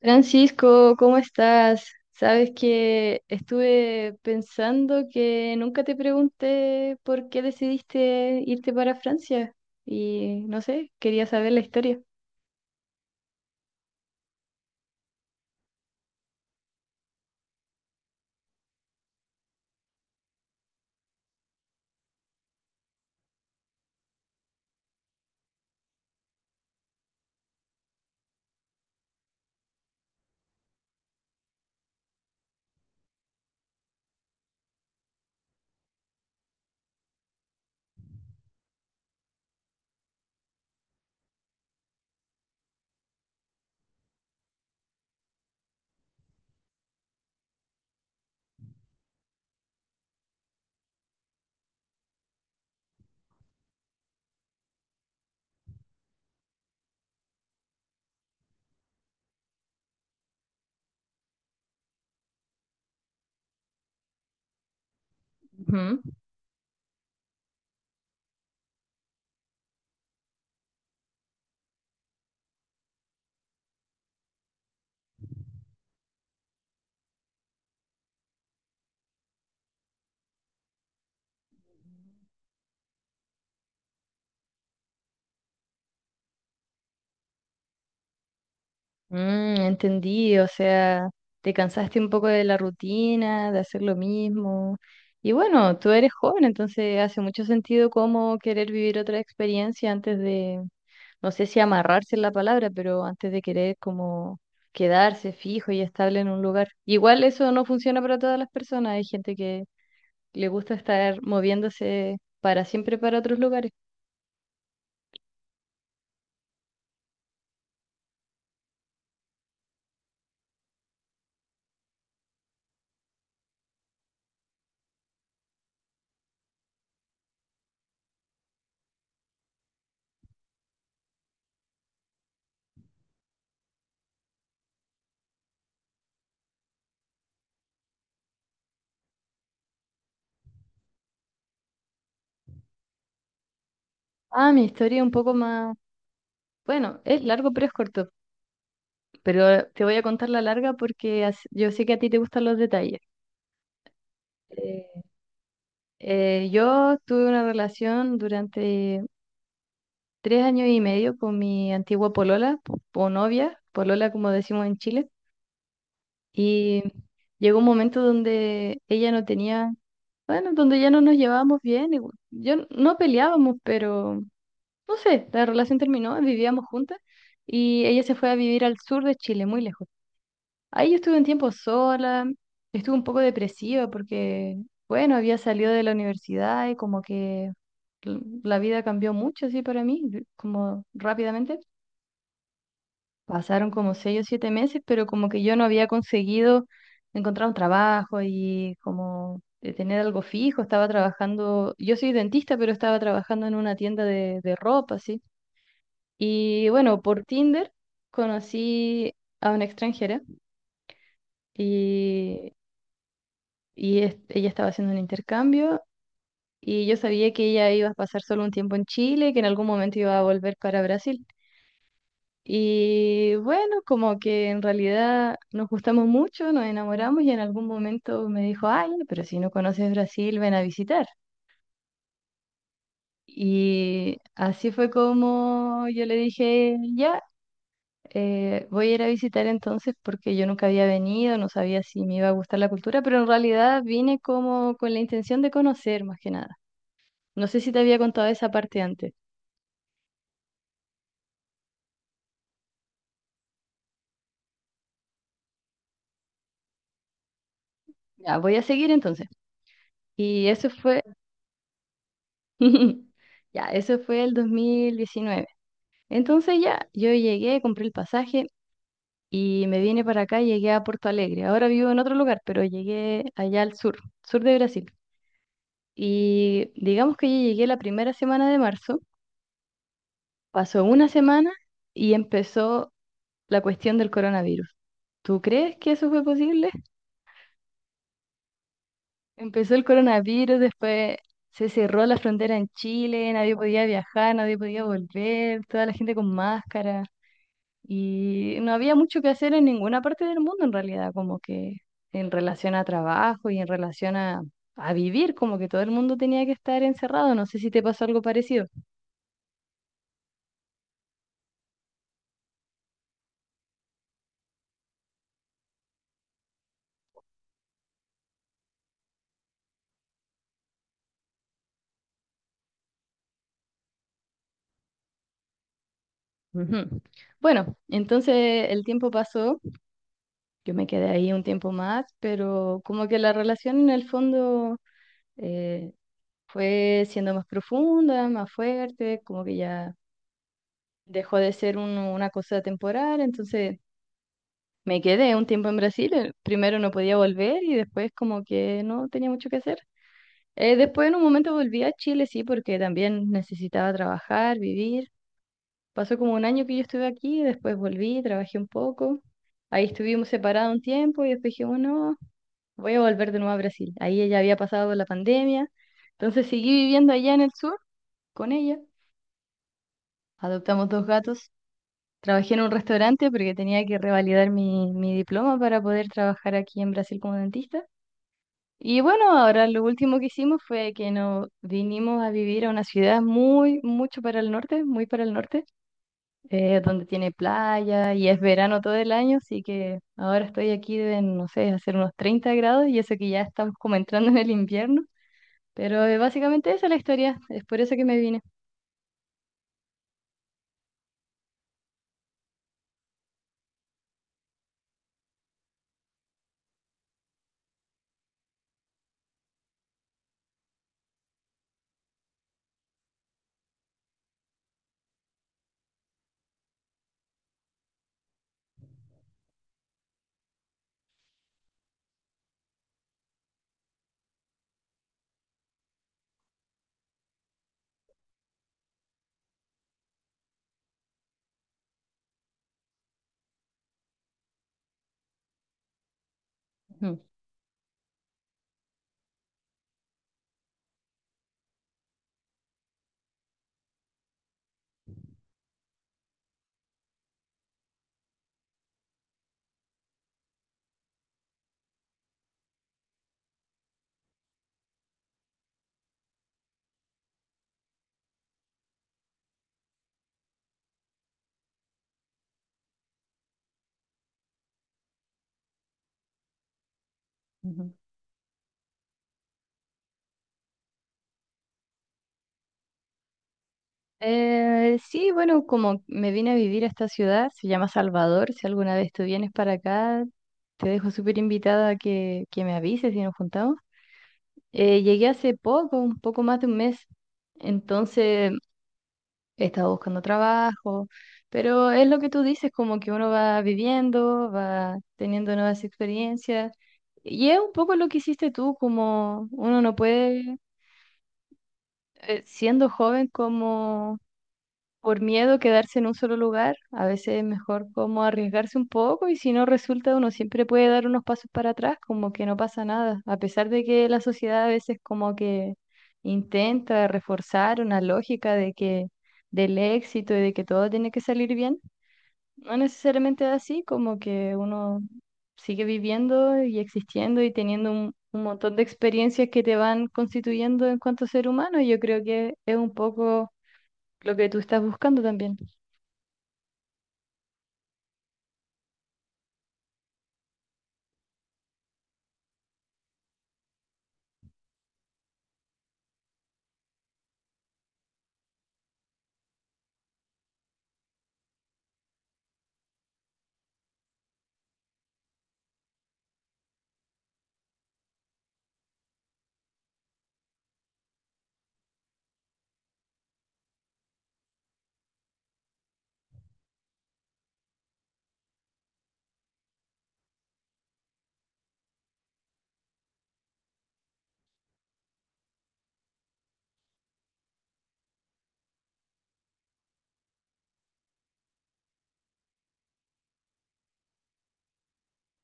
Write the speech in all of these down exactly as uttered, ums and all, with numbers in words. Francisco, ¿cómo estás? Sabes que estuve pensando que nunca te pregunté por qué decidiste irte para Francia y no sé, quería saber la historia. Ujú. Mm, entendí, o sea, te cansaste un poco de la rutina, de hacer lo mismo. Y bueno, tú eres joven, entonces hace mucho sentido como querer vivir otra experiencia antes de, no sé si amarrarse es la palabra, pero antes de querer como quedarse fijo y estable en un lugar. Igual eso no funciona para todas las personas, hay gente que le gusta estar moviéndose para siempre para otros lugares. Ah, mi historia es un poco más, bueno, es largo pero es corto. Pero te voy a contar la larga porque as- yo sé que a ti te gustan los detalles. Eh, eh, yo tuve una relación durante tres años y medio con mi antigua polola po- o novia, polola como decimos en Chile, y llegó un momento donde ella no tenía, bueno, donde ya no nos llevábamos bien, y bueno, yo n- no peleábamos, pero no sé, la relación terminó, vivíamos juntas y ella se fue a vivir al sur de Chile, muy lejos. Ahí yo estuve un tiempo sola, estuve un poco depresiva porque, bueno, había salido de la universidad y como que l- la vida cambió mucho así para mí, de- como rápidamente. Pasaron como seis o siete meses, pero como que yo no había conseguido encontrar un trabajo y como de tener algo fijo. Estaba trabajando, yo soy dentista, pero estaba trabajando en una tienda de, de ropa, así. Y bueno, por Tinder conocí a una extranjera. Y y es- ella estaba haciendo un intercambio y yo sabía que ella iba a pasar solo un tiempo en Chile, que en algún momento iba a volver para Brasil. Y bueno, como que en realidad nos gustamos mucho, nos enamoramos y en algún momento me dijo, ay, pero si no conoces Brasil, ven a visitar. Y así fue como yo le dije, ya, eh, voy a ir a visitar entonces porque yo nunca había venido, no sabía si me iba a gustar la cultura, pero en realidad vine como con la intención de conocer más que nada. No sé si te había contado esa parte antes. Ya, voy a seguir entonces. Y eso fue, ya, eso fue el dos mil diecinueve. Entonces ya, yo llegué, compré el pasaje y me vine para acá, llegué a Porto Alegre. Ahora vivo en otro lugar, pero llegué allá al sur, sur de Brasil. Y digamos que yo llegué la primera semana de marzo, pasó una semana y empezó la cuestión del coronavirus. ¿Tú crees que eso fue posible? Empezó el coronavirus, después se cerró la frontera en Chile, nadie podía viajar, nadie podía volver, toda la gente con máscara y no había mucho que hacer en ninguna parte del mundo en realidad, como que en relación a trabajo y en relación a, a vivir, como que todo el mundo tenía que estar encerrado, no sé si te pasó algo parecido. Ujú. Bueno, entonces el tiempo pasó, yo me quedé ahí un tiempo más, pero como que la relación en el fondo... eh, fue siendo más profunda, más fuerte, como que ya dejó de ser un- una cosa temporal, entonces me quedé un tiempo en Brasil, eh, primero no podía volver y después como que no tenía mucho que hacer. Eh, después en un momento volví a Chile, sí, porque también necesitaba trabajar, vivir. Pasó como un año que yo estuve aquí, después volví, trabajé un poco. Ahí estuvimos separados un tiempo y después dije bueno, voy a volver de nuevo a Brasil. Ahí ella había pasado la pandemia, entonces seguí viviendo allá en el sur con ella. Adoptamos dos gatos. Trabajé en un restaurante porque tenía que revalidar mi, mi diploma para poder trabajar aquí en Brasil como dentista. Y bueno, ahora lo último que hicimos fue que nos vinimos a vivir a una ciudad muy, mucho para el norte, muy para el norte, eh, donde tiene playa y es verano todo el año, así que ahora estoy aquí de, no sé, hacer unos treinta grados y eso que ya estamos como entrando en el invierno. Pero eh, básicamente esa es la historia, es por eso que me vine. Ujú, ujú. Eh, sí, bueno, como me vine a vivir a esta ciudad, se llama Salvador, si alguna vez tú vienes para acá, te dejo súper invitada a que, que me avises si nos juntamos. Eh, llegué hace poco, un poco más de un mes, entonces he estado buscando trabajo, pero es lo que tú dices, como que uno va viviendo, va teniendo nuevas experiencias, y es un poco lo que hiciste tú, como uno no puede, eh, siendo joven, como por miedo a quedarse en un solo lugar, a veces es mejor como arriesgarse un poco y si no resulta uno siempre puede dar unos pasos para atrás, como que no pasa nada, a pesar de que la sociedad a veces como que intenta reforzar una lógica de que del éxito y de que todo tiene que salir bien, no necesariamente es así, como que uno sigue viviendo y existiendo y teniendo un, un montón de experiencias que te van constituyendo en cuanto ser humano y yo creo que es un poco lo que tú estás buscando también.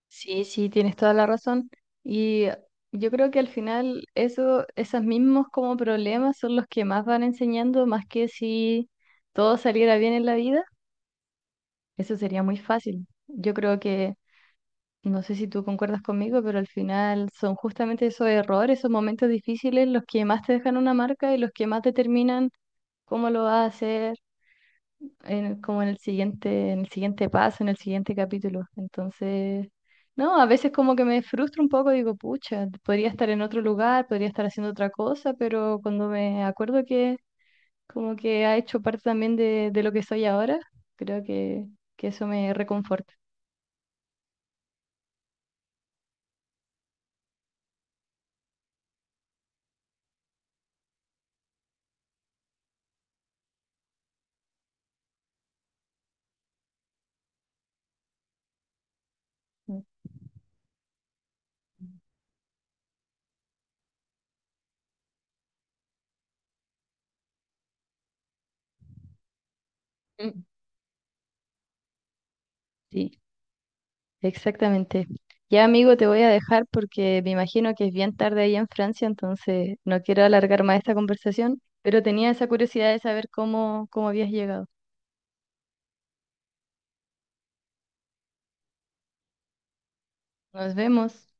Sí, sí, tienes toda la razón. Y yo creo que al final eso, esos mismos como problemas son los que más van enseñando, más que si todo saliera bien en la vida, eso sería muy fácil. Yo creo que, no sé si tú concuerdas conmigo, pero al final son justamente esos errores, esos momentos difíciles los que más te dejan una marca y los que más determinan cómo lo haces, en- como en el siguiente, en el siguiente paso, en el siguiente capítulo. Entonces, no, a veces como que me frustro un poco, digo, pucha, podría estar en otro lugar, podría estar haciendo otra cosa, pero cuando me acuerdo que como que ha hecho parte también de, de lo que soy ahora, creo que, que eso me reconforta. Mm. Sí, exactamente. Ya, amigo, te voy a dejar porque me imagino que es bien tarde ahí en Francia, entonces no quiero alargar más esta conversación, pero tenía esa curiosidad de saber cómo, cómo habías llegado. Nos vemos.